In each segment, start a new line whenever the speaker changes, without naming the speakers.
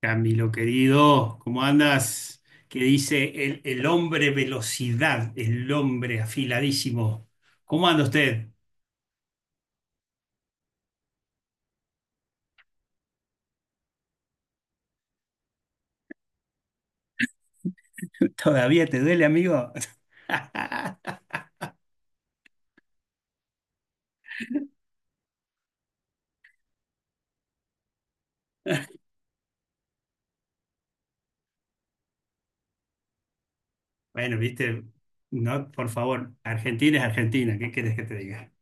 Camilo querido, ¿cómo andas? Que dice el hombre velocidad, el hombre afiladísimo. ¿Cómo anda usted? ¿Todavía te duele, amigo? Bueno, viste, no, por favor, Argentina es Argentina, ¿qué quieres que te diga?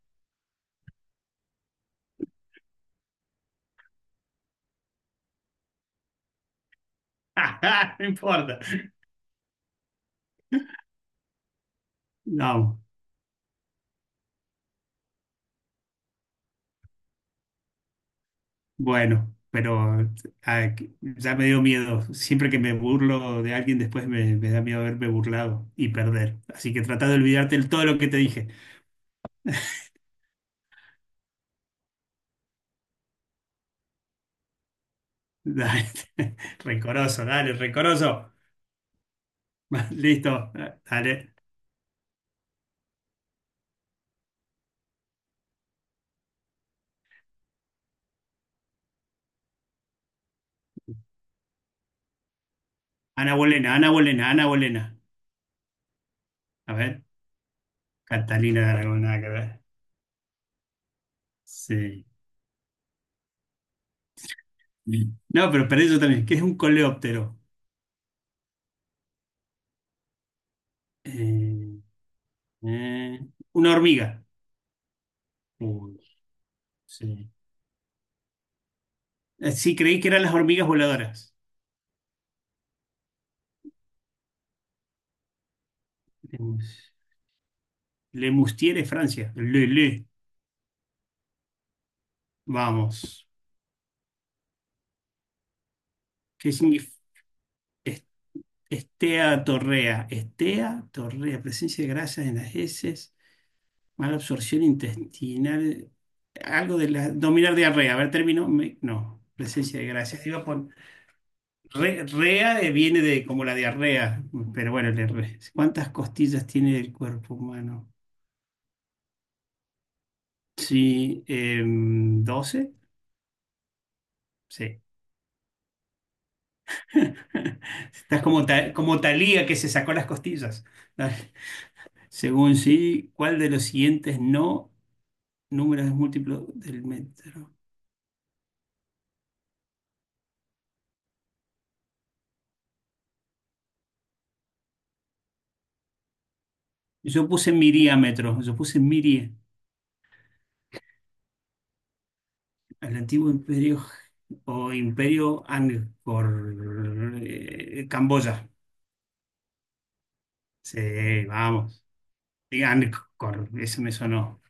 No importa. No, bueno, pero ya me dio miedo. Siempre que me burlo de alguien, después me da miedo haberme burlado y perder. Así que trata de olvidarte de todo lo que te dale. Rencoroso, dale, rencoroso. Va, listo, dale. Ana Bolena, Ana Bolena, Ana Bolena. A ver, Catalina de Aragón, nada que ver. Sí. No, pero perdí yo también. ¿Qué es un coleóptero? Eh, eh, una hormiga. Uy, sí. Sí, creí que eran las hormigas voladoras. Lemus- Lemustier, Francia. Le, le. Vamos. ¿Qué significa? Estea torrea. Estea torrea. Presencia de grasas en las heces. Mala absorción intestinal. Algo de la. Dominar diarrea. A ver, término. No. Presencia de gracias. Iba por. Rea, viene de como la diarrea. Pero bueno, ¿cuántas costillas tiene el cuerpo humano? Sí. ¿12? Sí. Estás como, como Talía que se sacó las costillas. Dale. Según sí, ¿cuál de los siguientes no números es múltiplo del metro? Yo puse miriámetro. Yo puse mirie. El antiguo imperio o imperio Angkor, Camboya. Sí, vamos. Y Angkor, eso me sonó.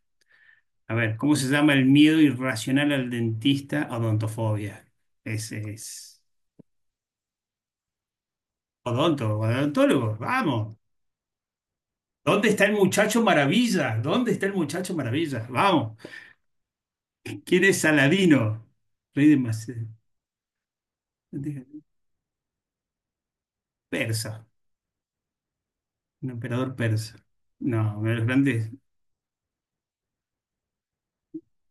A ver, ¿cómo se llama el miedo irracional al dentista? Odontofobia. Ese es. Odontólogo, vamos. ¿Dónde está el muchacho maravilla? ¿Dónde está el muchacho maravilla? Vamos. ¿Quién es Saladino? Rey de Macedonia. Persa, un emperador persa. No, uno de los grandes.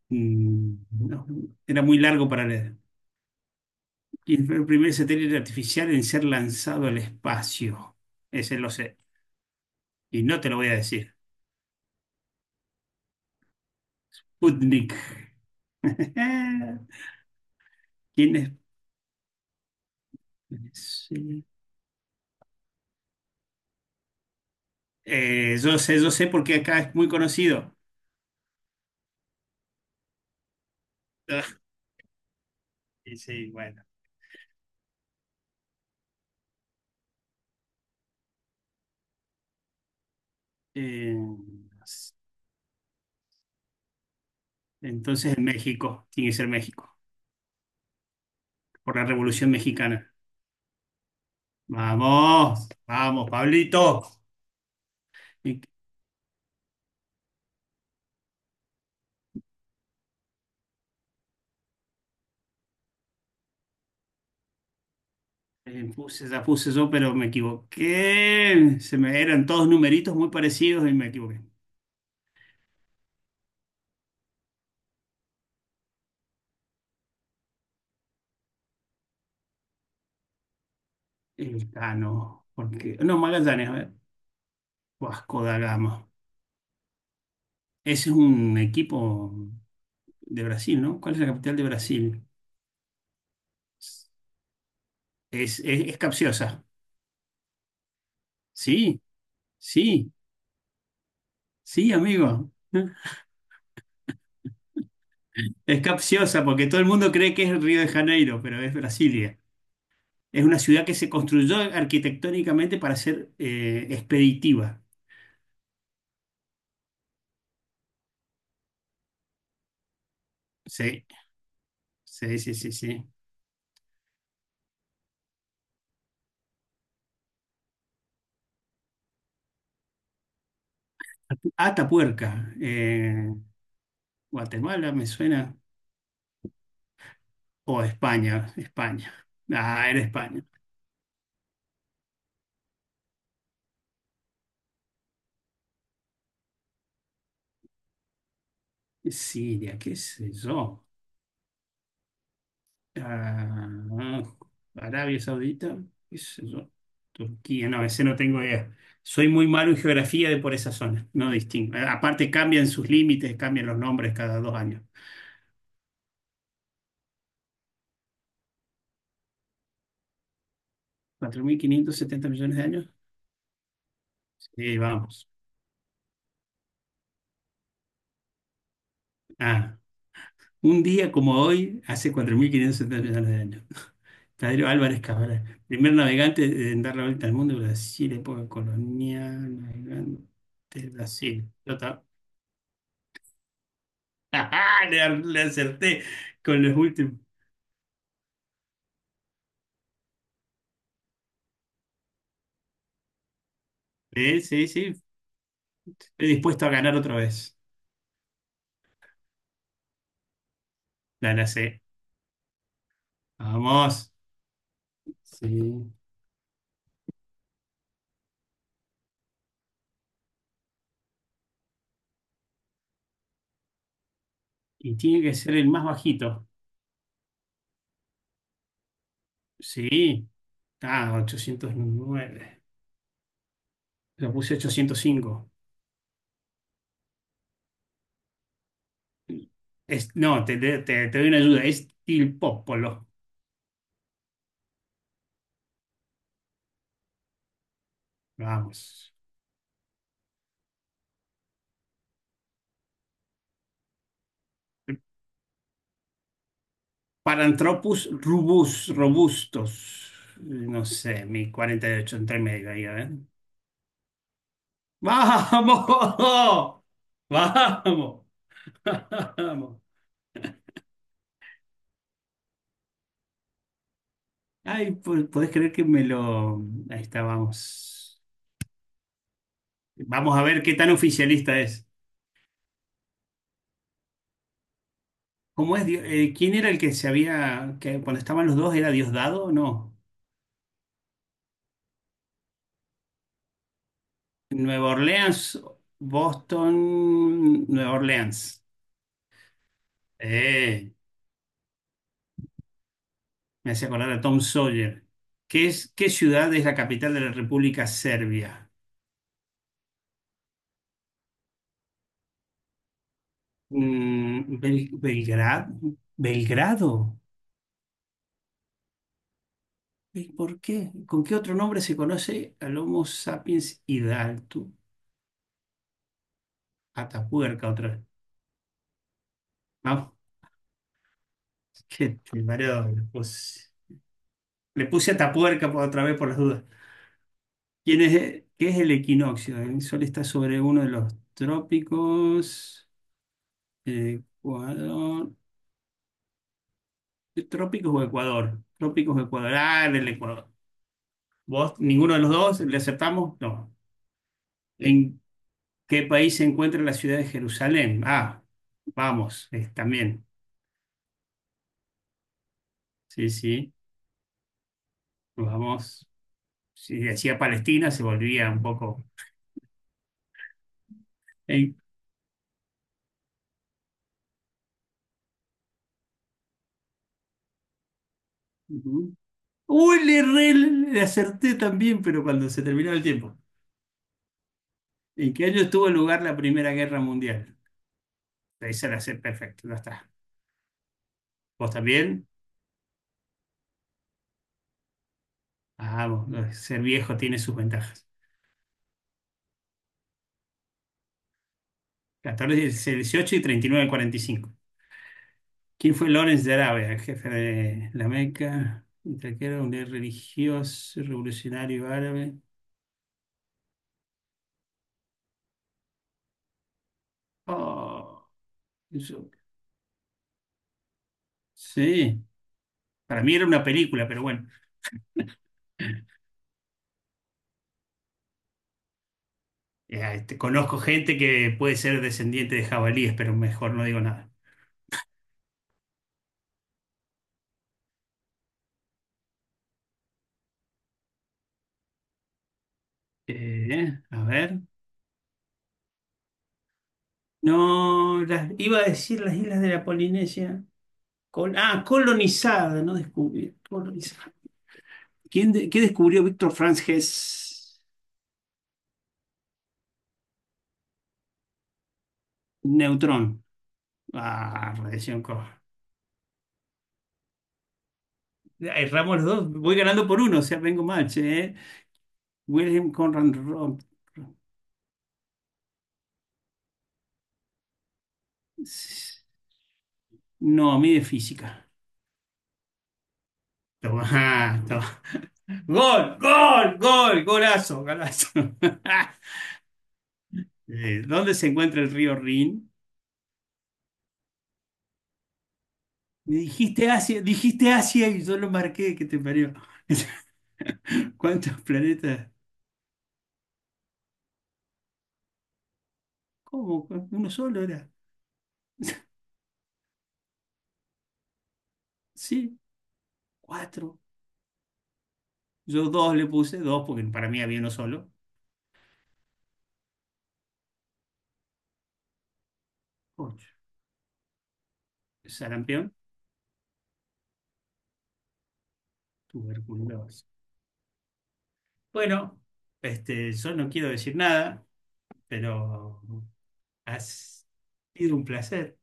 Mm, no, era muy largo para leer. Y fue el primer satélite artificial en ser lanzado al espacio. Ese lo sé. Y no te lo voy a decir. Sputnik. ¿Quién es? Sí. Yo sé porque acá es muy conocido. Ah, y sí, bueno. Eh, entonces en México, tiene que ser México, por la Revolución Mexicana. Vamos, vamos, Pablito. Puse, ya puse yo, pero me equivoqué. Se me eran todos numeritos muy parecidos y me equivoqué. Elcano, porque. No, Magallanes, a ver. Vasco da Gama. Ese es un equipo de Brasil, ¿no? ¿Cuál es la capital de Brasil? Es, es, es capciosa. Sí, sí, sí, amigo. Es capciosa porque todo el mundo cree que es Río de Janeiro, pero es Brasilia. Es una ciudad que se construyó arquitectónicamente para ser expeditiva. Sí. Sí, sí, sí, sí. Atapuerca, Guatemala me suena, o España, España. Ah, era España. Siria, qué sé yo. Ah, Arabia Saudita, qué sé yo. Turquía, no, ese no tengo idea. Soy muy malo en geografía de por esa zona, no distingo. Aparte cambian sus límites, cambian los nombres cada dos años. ¿Cuatro mil quinientos setenta millones de años? Sí, vamos. Ah, un día como hoy, hace 4.570 millones de años. Pedro Álvarez Cabral, primer navegante en dar la vuelta al mundo, Brasil, época colonial, navegante, Brasil. Ya está. Le acerté con los últimos. Sí, sí, estoy dispuesto a ganar otra vez. La la sé. Vamos. Sí. Y tiene que ser el más bajito. Sí. Ah, 809. Lo puse 805. Es, no, te doy una ayuda. Es Tilpópolo. Vamos. Paranthropus rubus, robustos. No sé, mi 48 entre medio ahí, a ver. ¡Vamos! ¡Vamos! ¡Vamos! Ay, podés creer que me lo... Ahí está, vamos. Vamos a ver qué tan oficialista es. ¿Cómo es? ¿Quién era el que se había... que cuando estaban los dos era Diosdado o no? Nueva Orleans, Boston, Nueva Orleans. Eh. Me hace acordar a Tom Sawyer. ¿Qué es, qué ciudad es la capital de la República Serbia? Mm, Belgrado. ¿Belgrado? ¿Y por qué? ¿Con qué otro nombre se conoce al Homo sapiens hidalgo? Atapuerca otra vez. Vamos, qué mareo le puse. Le puse Atapuerca por otra vez por las dudas. ¿Quién es, qué es el equinoccio? El sol está sobre uno de los trópicos. Ecuador. Trópicos o Ecuador. Trópicos o Ecuador. Ah, en el Ecuador. ¿Vos, ninguno de los dos, le aceptamos? No. ¿En qué país se encuentra la ciudad de Jerusalén? Ah, vamos, también. Sí, sí, vamos. Si decía Palestina, se volvía un poco. ¿En- ujú. Uy, le, erré, le acerté también, pero cuando se terminó el tiempo. ¿En qué año tuvo lugar la Primera Guerra Mundial? Esa la sé perfecto, ya está. ¿Vos también? Ah, vos, ser viejo tiene sus ventajas. 14, 18 y 39 al 45. ¿Quién fue Lawrence de Arabia, jefe de la Meca, un traquero, un líder religioso, revolucionario árabe? Oh, eso- sí, para mí era una película, pero bueno. Este, conozco gente que puede ser descendiente de jabalíes, pero mejor no digo nada. A ver. No, iba a decir las islas de la Polinesia. Ah, colonizada, no descubrí. Colonizada. ¿Qué descubrió Víctor Franz Hess? Neutrón. Ah, radiación cósmica. Erramos los dos. Voy ganando por uno, o sea, vengo mal, che, ¿eh? Wilhelm Conrad No, a mí de física. Toma, ajá, gol, gol, gol, golazo, golazo. ¿Dónde se encuentra el río Rin? Me dijiste Asia y yo lo marqué, que te parió. ¿Cuántos planetas? ¿Cómo? ¿Uno solo era? Sí, cuatro. Yo dos le puse, dos, porque para mí había uno solo. Ocho. Sarampión, tuberculosis. Bueno, este, yo no quiero decir nada, pero ha sido un placer.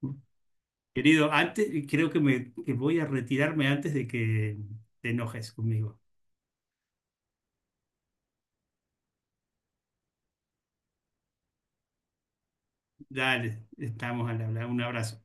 ¿No? Querido, antes, creo que me que voy a retirarme antes de que te enojes conmigo. Dale, estamos al hablar. Un abrazo.